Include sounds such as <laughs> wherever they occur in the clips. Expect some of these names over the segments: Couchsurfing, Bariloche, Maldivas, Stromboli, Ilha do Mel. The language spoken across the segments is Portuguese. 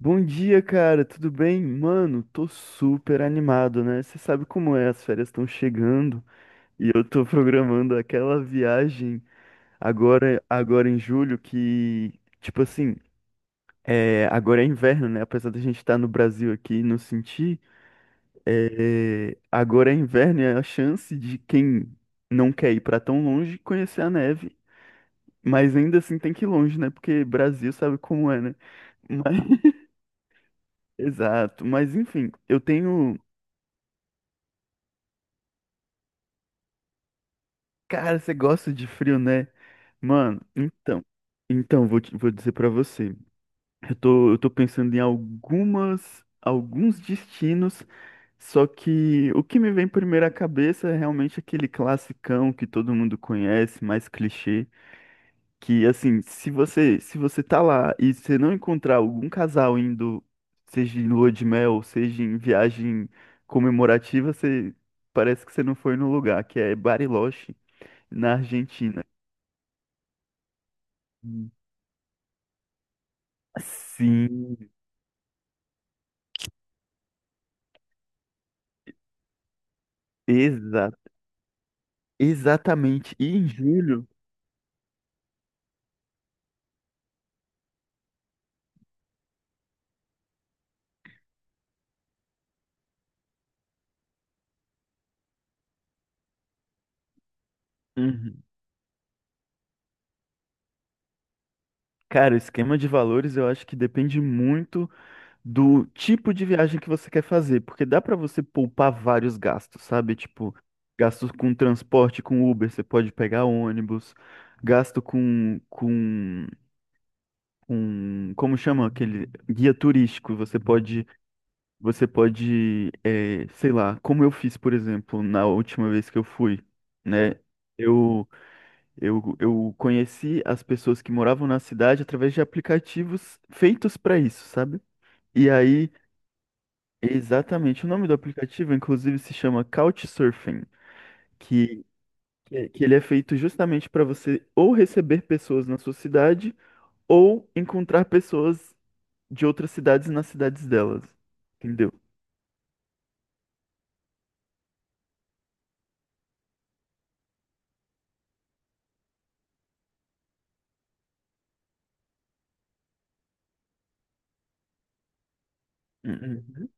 Bom dia, cara, tudo bem? Mano, tô super animado, né? Você sabe como é, as férias estão chegando e eu tô <laughs> programando aquela viagem agora em julho que, tipo assim, agora é inverno, né? Apesar da gente estar no Brasil aqui e não sentir, agora é inverno e é a chance de quem não quer ir pra tão longe conhecer a neve, mas ainda assim tem que ir longe, né? Porque Brasil sabe como é, né? Mas- <laughs> exato, mas enfim, eu tenho. Cara, você gosta de frio, né? Mano, então. Então, vou dizer pra você. Eu tô pensando em algumas, alguns destinos, só que o que me vem primeiro à cabeça é realmente aquele classicão que todo mundo conhece, mais clichê, que assim, se você tá lá e você não encontrar algum casal indo, seja em lua de mel, seja em viagem comemorativa, você parece que você não foi no lugar, que é Bariloche, na Argentina. Hum. Sim, exa exatamente. E em julho, uhum, cara, o esquema de valores eu acho que depende muito do tipo de viagem que você quer fazer, porque dá pra você poupar vários gastos, sabe? Tipo, gastos com transporte, com Uber, você pode pegar ônibus, gasto como chama aquele guia turístico, você pode, sei lá, como eu fiz, por exemplo, na última vez que eu fui, né? Eu eu conheci as pessoas que moravam na cidade através de aplicativos feitos para isso, sabe? E aí, exatamente, o nome do aplicativo, inclusive, se chama Couchsurfing, que, que ele é feito justamente para você ou receber pessoas na sua cidade ou encontrar pessoas de outras cidades nas cidades delas, entendeu? Uhum.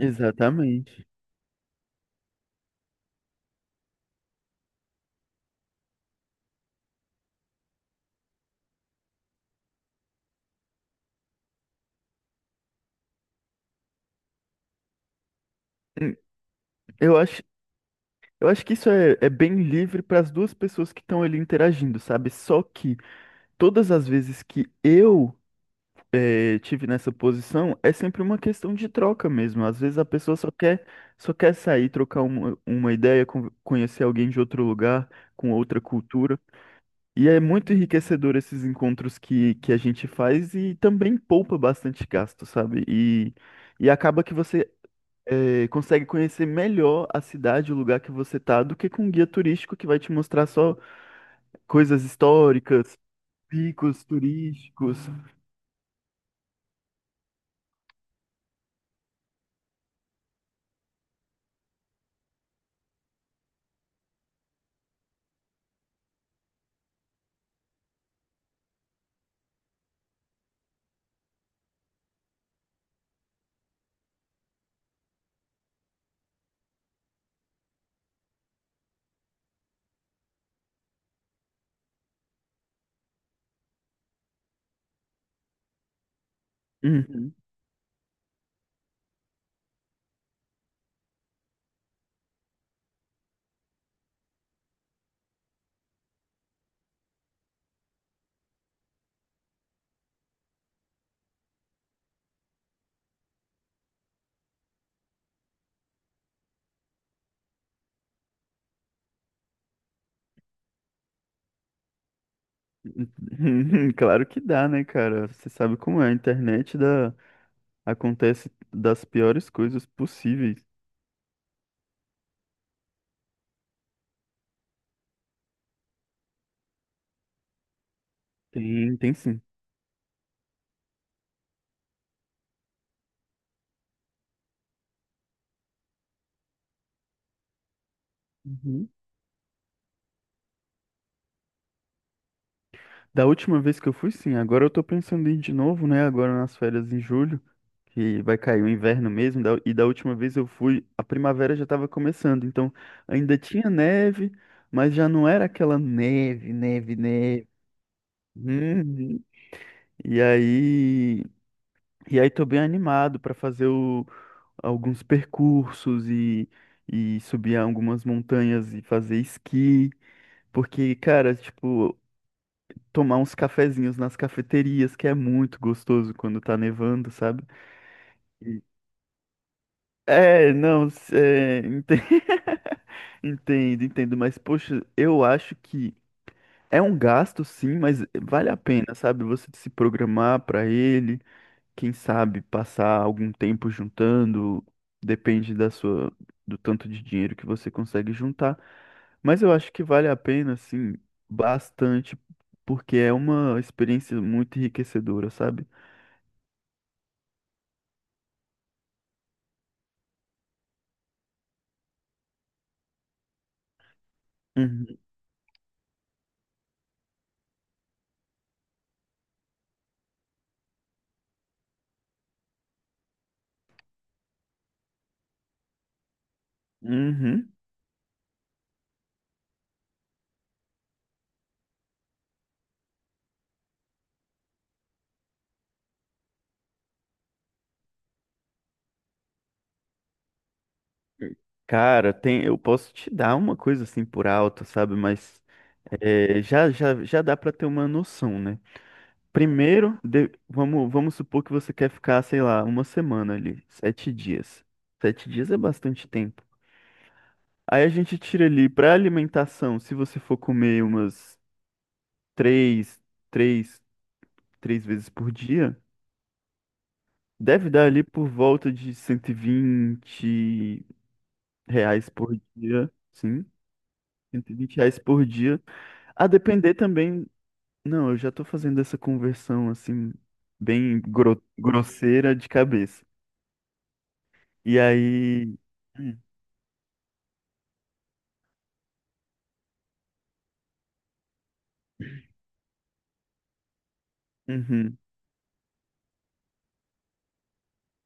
Exatamente. Hum. Eu acho, eu acho que isso é, é bem livre para as duas pessoas que estão ali interagindo, sabe? Só que todas as vezes que eu tive nessa posição, é sempre uma questão de troca mesmo. Às vezes a pessoa só quer sair, trocar uma ideia, conhecer alguém de outro lugar, com outra cultura. E é muito enriquecedor esses encontros que a gente faz e também poupa bastante gasto, sabe? E acaba que você consegue conhecer melhor a cidade, o lugar que você tá, do que com um guia turístico que vai te mostrar só coisas históricas, picos turísticos. Uhum. <laughs> Claro que dá, né, cara? Você sabe como é, a internet dá, acontece das piores coisas possíveis. Tem sim. Uhum. Da última vez que eu fui, sim. Agora eu tô pensando em ir de novo, né? Agora nas férias em julho, que vai cair o inverno mesmo. E da última vez eu fui, a primavera já tava começando. Então ainda tinha neve, mas já não era aquela neve, neve, neve. Uhum. E aí, tô bem animado pra fazer o alguns percursos e subir algumas montanhas e fazer esqui, porque, cara, tipo, tomar uns cafezinhos nas cafeterias, que é muito gostoso quando tá nevando, sabe? E- não, <laughs> entendo, entendo, mas, poxa, eu acho que é um gasto, sim, mas vale a pena, sabe? Você se programar pra ele. Quem sabe, passar algum tempo juntando, depende da sua, do tanto de dinheiro que você consegue juntar. Mas eu acho que vale a pena, assim, bastante, porque é uma experiência muito enriquecedora, sabe? Uhum. Uhum. Cara, eu posso te dar uma coisa assim por alto, sabe? Mas já dá pra ter uma noção, né? Primeiro, vamos supor que você quer ficar, sei lá, uma semana ali, 7 dias. 7 dias é bastante tempo. Aí a gente tira ali para alimentação, se você for comer umas três, três, 3 vezes por dia, deve dar ali por volta de 120 reais por dia, sim, 120 reais por dia. A depender também, não, eu já tô fazendo essa conversão assim bem grosseira de cabeça. E aí, hum, uhum,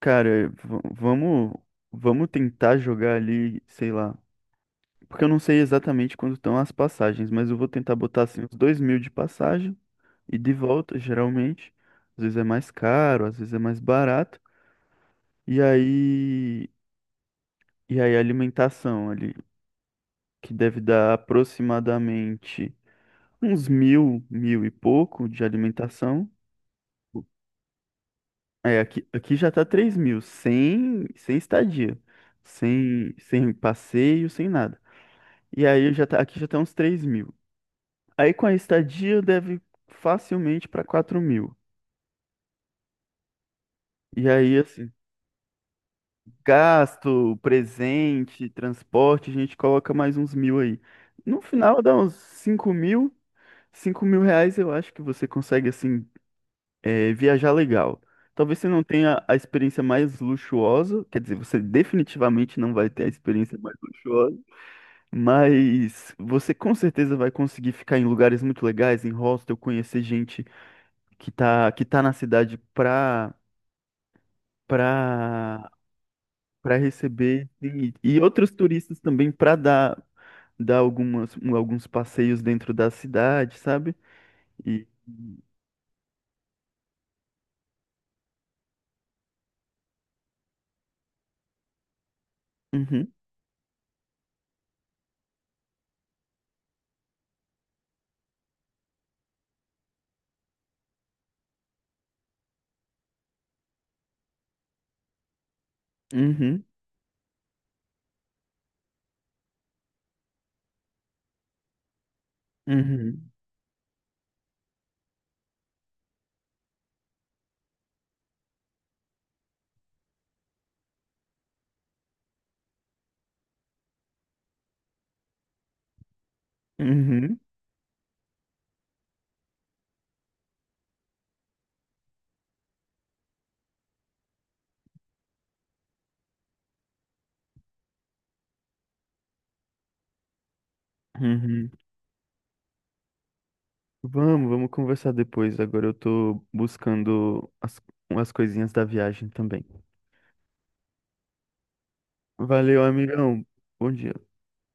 cara, vamos vamos tentar jogar ali, sei lá. Porque eu não sei exatamente quanto estão as passagens, mas eu vou tentar botar assim uns 2 mil de passagem e de volta, geralmente. Às vezes é mais caro, às vezes é mais barato. E aí, a alimentação ali, que deve dar aproximadamente uns mil, mil e pouco de alimentação. É, aqui já tá 3 mil, sem estadia, sem passeio, sem nada. E aí já tá, aqui já tá uns 3 mil. Aí com a estadia deve facilmente para 4 mil. E aí, assim, gasto, presente, transporte, a gente coloca mais uns mil aí. No final dá uns 5 mil. 5 mil reais eu acho que você consegue, assim, viajar legal. Talvez você não tenha a experiência mais luxuosa, quer dizer, você definitivamente não vai ter a experiência mais luxuosa, mas você com certeza vai conseguir ficar em lugares muito legais, em hostel, conhecer gente que tá na cidade pra para para receber e outros turistas também para dar algumas alguns passeios dentro da cidade, sabe? E uhum, uhum, uhum, uhum, uhum. Vamos conversar depois. Agora eu tô buscando as, coisinhas da viagem também. Valeu, amigão. Bom dia.